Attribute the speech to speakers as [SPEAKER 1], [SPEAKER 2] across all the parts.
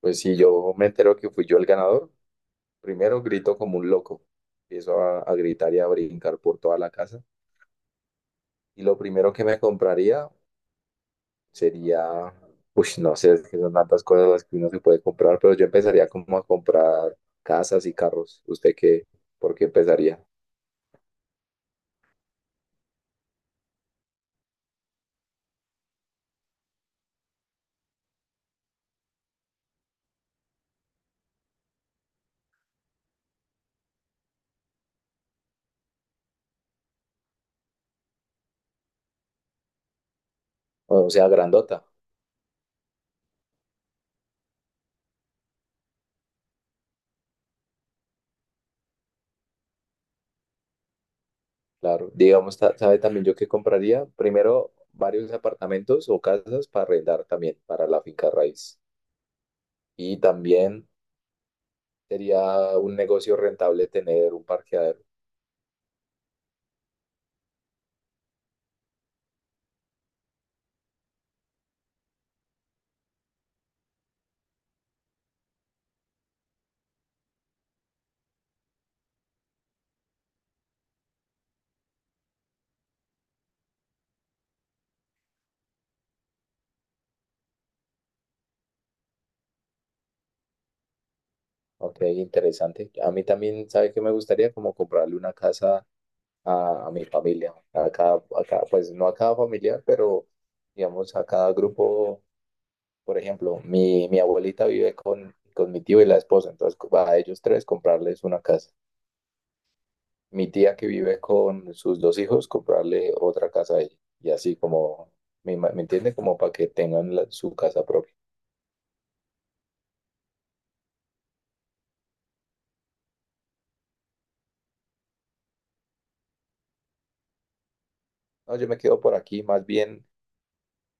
[SPEAKER 1] Pues si yo me entero que fui yo el ganador, primero grito como un loco. Empiezo a gritar y a brincar por toda la casa. Y lo primero que me compraría sería, no sé, es que son tantas cosas las que uno se puede comprar, pero yo empezaría como a comprar casas y carros. ¿Usted qué? ¿Por qué empezaría? O sea, grandota, claro. Digamos, ¿sabe también yo qué compraría? Primero, varios apartamentos o casas para arrendar también, para la finca raíz. Y también... Sería un negocio rentable tener un parqueadero. Ok, interesante. A mí también, ¿sabe qué me gustaría? Como comprarle una casa a mi familia. A cada, pues no a cada familia, pero digamos a cada grupo. Por ejemplo, mi abuelita vive con mi tío y la esposa. Entonces, a ellos tres comprarles una casa. Mi tía que vive con sus dos hijos, comprarle otra casa a ella. Y así como, ¿me entiende? Como para que tengan su casa propia. No, yo me quedo por aquí, más bien.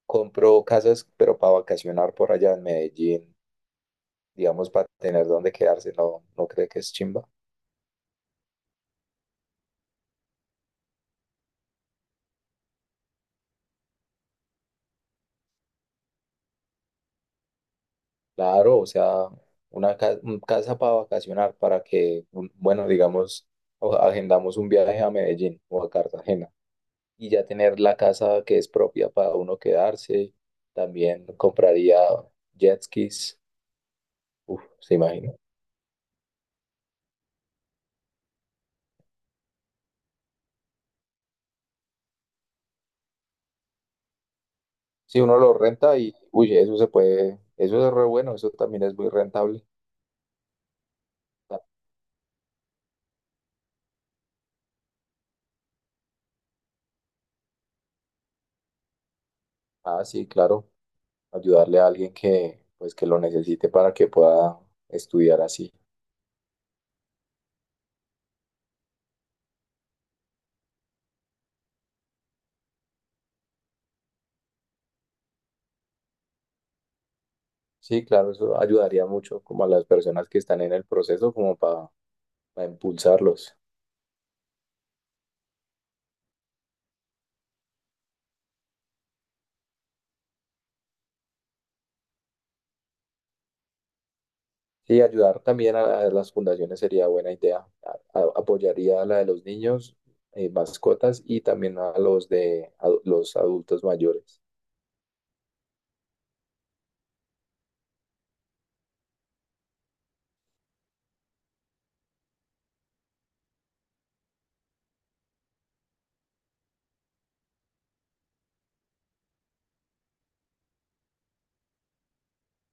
[SPEAKER 1] Compró casas, pero para vacacionar por allá en Medellín, digamos, para tener dónde quedarse, ¿no, no cree que es chimba? Claro, o sea, un casa para vacacionar, bueno, digamos, agendamos un viaje a Medellín o a Cartagena y ya tener la casa que es propia para uno quedarse. También compraría jet skis, uf, se imagina. Si uno lo renta y, uy, eso se puede, eso es re bueno, eso también es muy rentable. Ah, sí, claro. Ayudarle a alguien que, pues, que lo necesite para que pueda estudiar así. Sí, claro, eso ayudaría mucho como a las personas que están en el proceso, como para impulsarlos. Sí, ayudar también a las fundaciones sería buena idea. Apoyaría a la de los niños, mascotas y también a los de a los adultos mayores.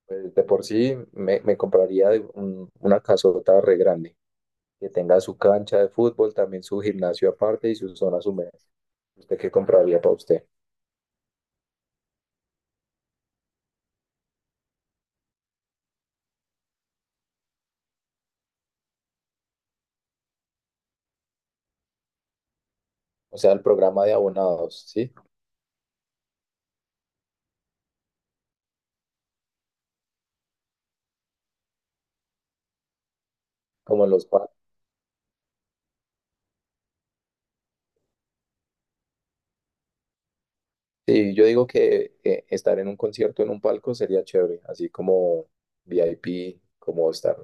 [SPEAKER 1] Pues, de por sí me compraría de una casota re grande. Que tenga su cancha de fútbol, también su gimnasio aparte y sus zonas húmedas. ¿Usted qué compraría para usted? O sea, el programa de abonados, ¿sí? Como los palcos. Sí, yo digo que estar en un concierto en un palco sería chévere, así como VIP, como estar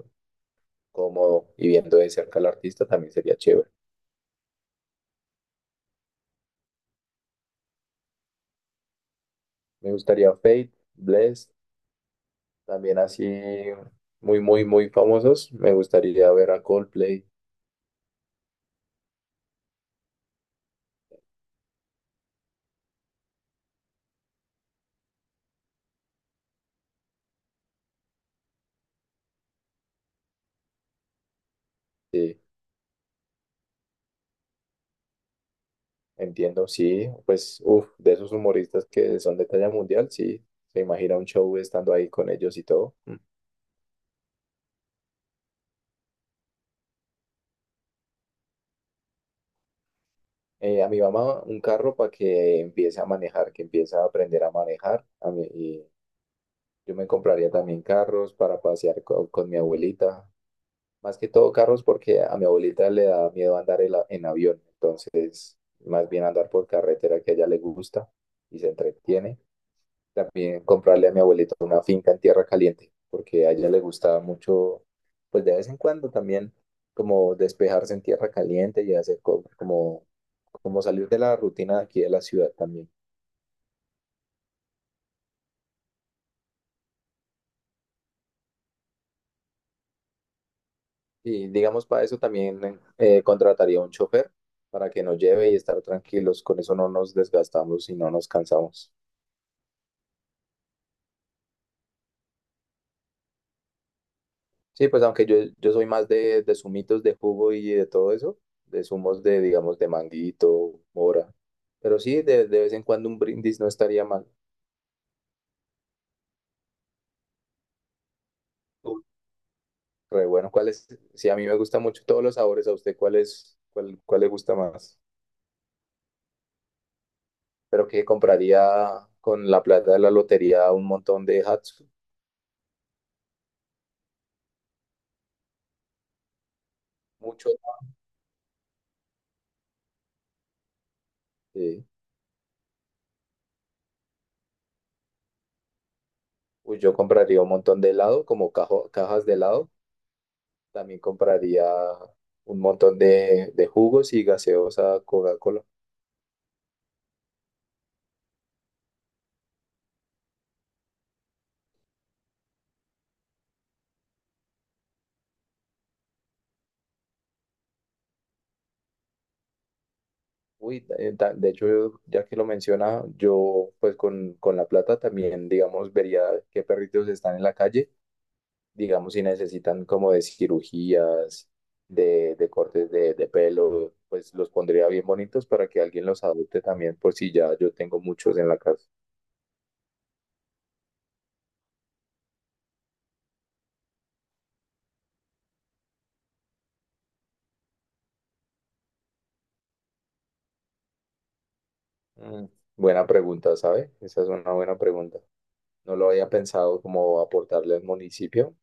[SPEAKER 1] cómodo y viendo de cerca al artista también sería chévere. Me gustaría Fate, Bless, también así muy, muy, muy famosos. Me gustaría ver a Coldplay. Sí. Entiendo, sí, pues, uff, de esos humoristas que son de talla mundial, sí, se imagina un show estando ahí con ellos y todo. Mm. A mi mamá un carro para que empiece a manejar, que empiece a aprender a manejar. A mí, y yo me compraría también carros para pasear con, mi abuelita. Más que todo carros porque a mi abuelita le da miedo andar en, en avión, entonces más bien andar por carretera que a ella le gusta y se entretiene. También comprarle a mi abuelita una finca en Tierra Caliente, porque a ella le gustaba mucho, pues de vez en cuando también, como despejarse en Tierra Caliente y hacer como, como salir de la rutina de aquí de la ciudad también. Y digamos, para eso también contrataría un chofer para que nos lleve y estar tranquilos. Con eso no nos desgastamos y no nos cansamos. Sí, pues aunque yo soy más de zumitos de jugo y de todo eso, de zumos de, digamos, de manguito, mora. Pero sí, de vez en cuando un brindis no estaría mal. Uy, re bueno, ¿cuál es? Sí, a mí me gusta mucho todos los sabores. ¿A usted cuál es, cuál le gusta más? Pero que compraría con la plata de la lotería un montón de Hatsu, mucho. Sí. Uy, yo compraría un montón de helado, como cajas de helado. También compraría un montón de jugos y gaseosa Coca-Cola. Uy, de hecho, ya que lo menciona, yo pues con la plata también, digamos, vería qué perritos están en la calle, digamos, si necesitan como de cirugías, de cortes de pelo, pues los pondría bien bonitos para que alguien los adopte también, por si ya yo tengo muchos en la casa. Mm, buena pregunta, ¿sabe? Esa es una buena pregunta. No lo había pensado como aportarle al municipio.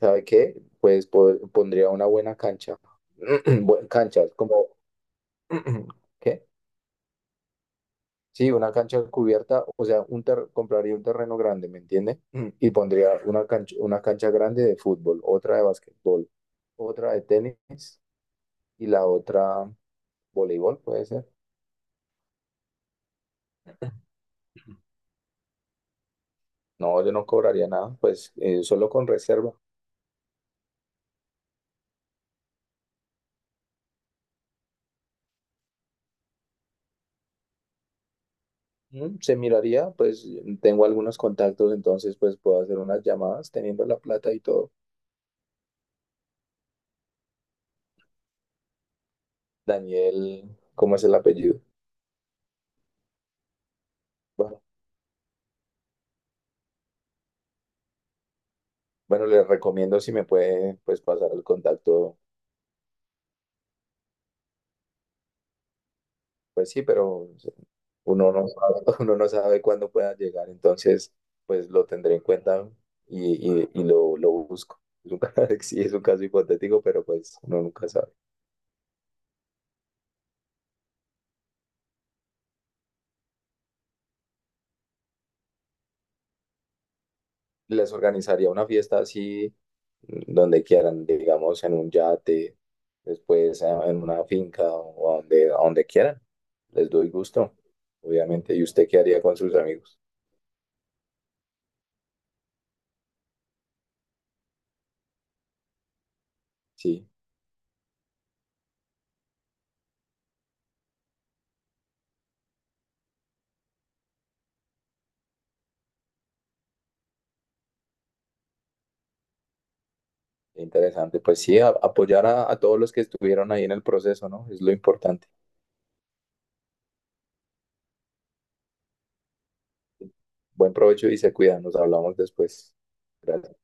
[SPEAKER 1] ¿Sabe qué? Pues pondría una buena cancha. Canchas, como ¿Qué? Sí, una cancha cubierta, o sea, compraría un terreno grande, ¿me entiende? Mm, y pondría una cancha grande de fútbol, otra de basquetbol, otra de tenis y la otra voleibol, puede ser. No, yo no cobraría nada, pues solo con reserva. Mm, se miraría, pues tengo algunos contactos, entonces pues puedo hacer unas llamadas teniendo la plata y todo. Daniel, ¿cómo es el apellido? Bueno, bueno, les recomiendo si me puede pues pasar el contacto, pues sí, pero uno no sabe, uno no sabe cuándo pueda llegar, entonces pues lo tendré en cuenta y, y lo busco. Es un, sí, es un caso hipotético, pero pues uno nunca sabe. Les organizaría una fiesta así mm, donde quieran, digamos en un yate, después en una finca o a donde quieran. Les doy gusto, obviamente. ¿Y usted qué haría con sus amigos? Sí, interesante. Pues sí, apoyar a todos los que estuvieron ahí en el proceso, ¿no? Es lo importante. Buen provecho y se cuidan. Nos hablamos después. Gracias.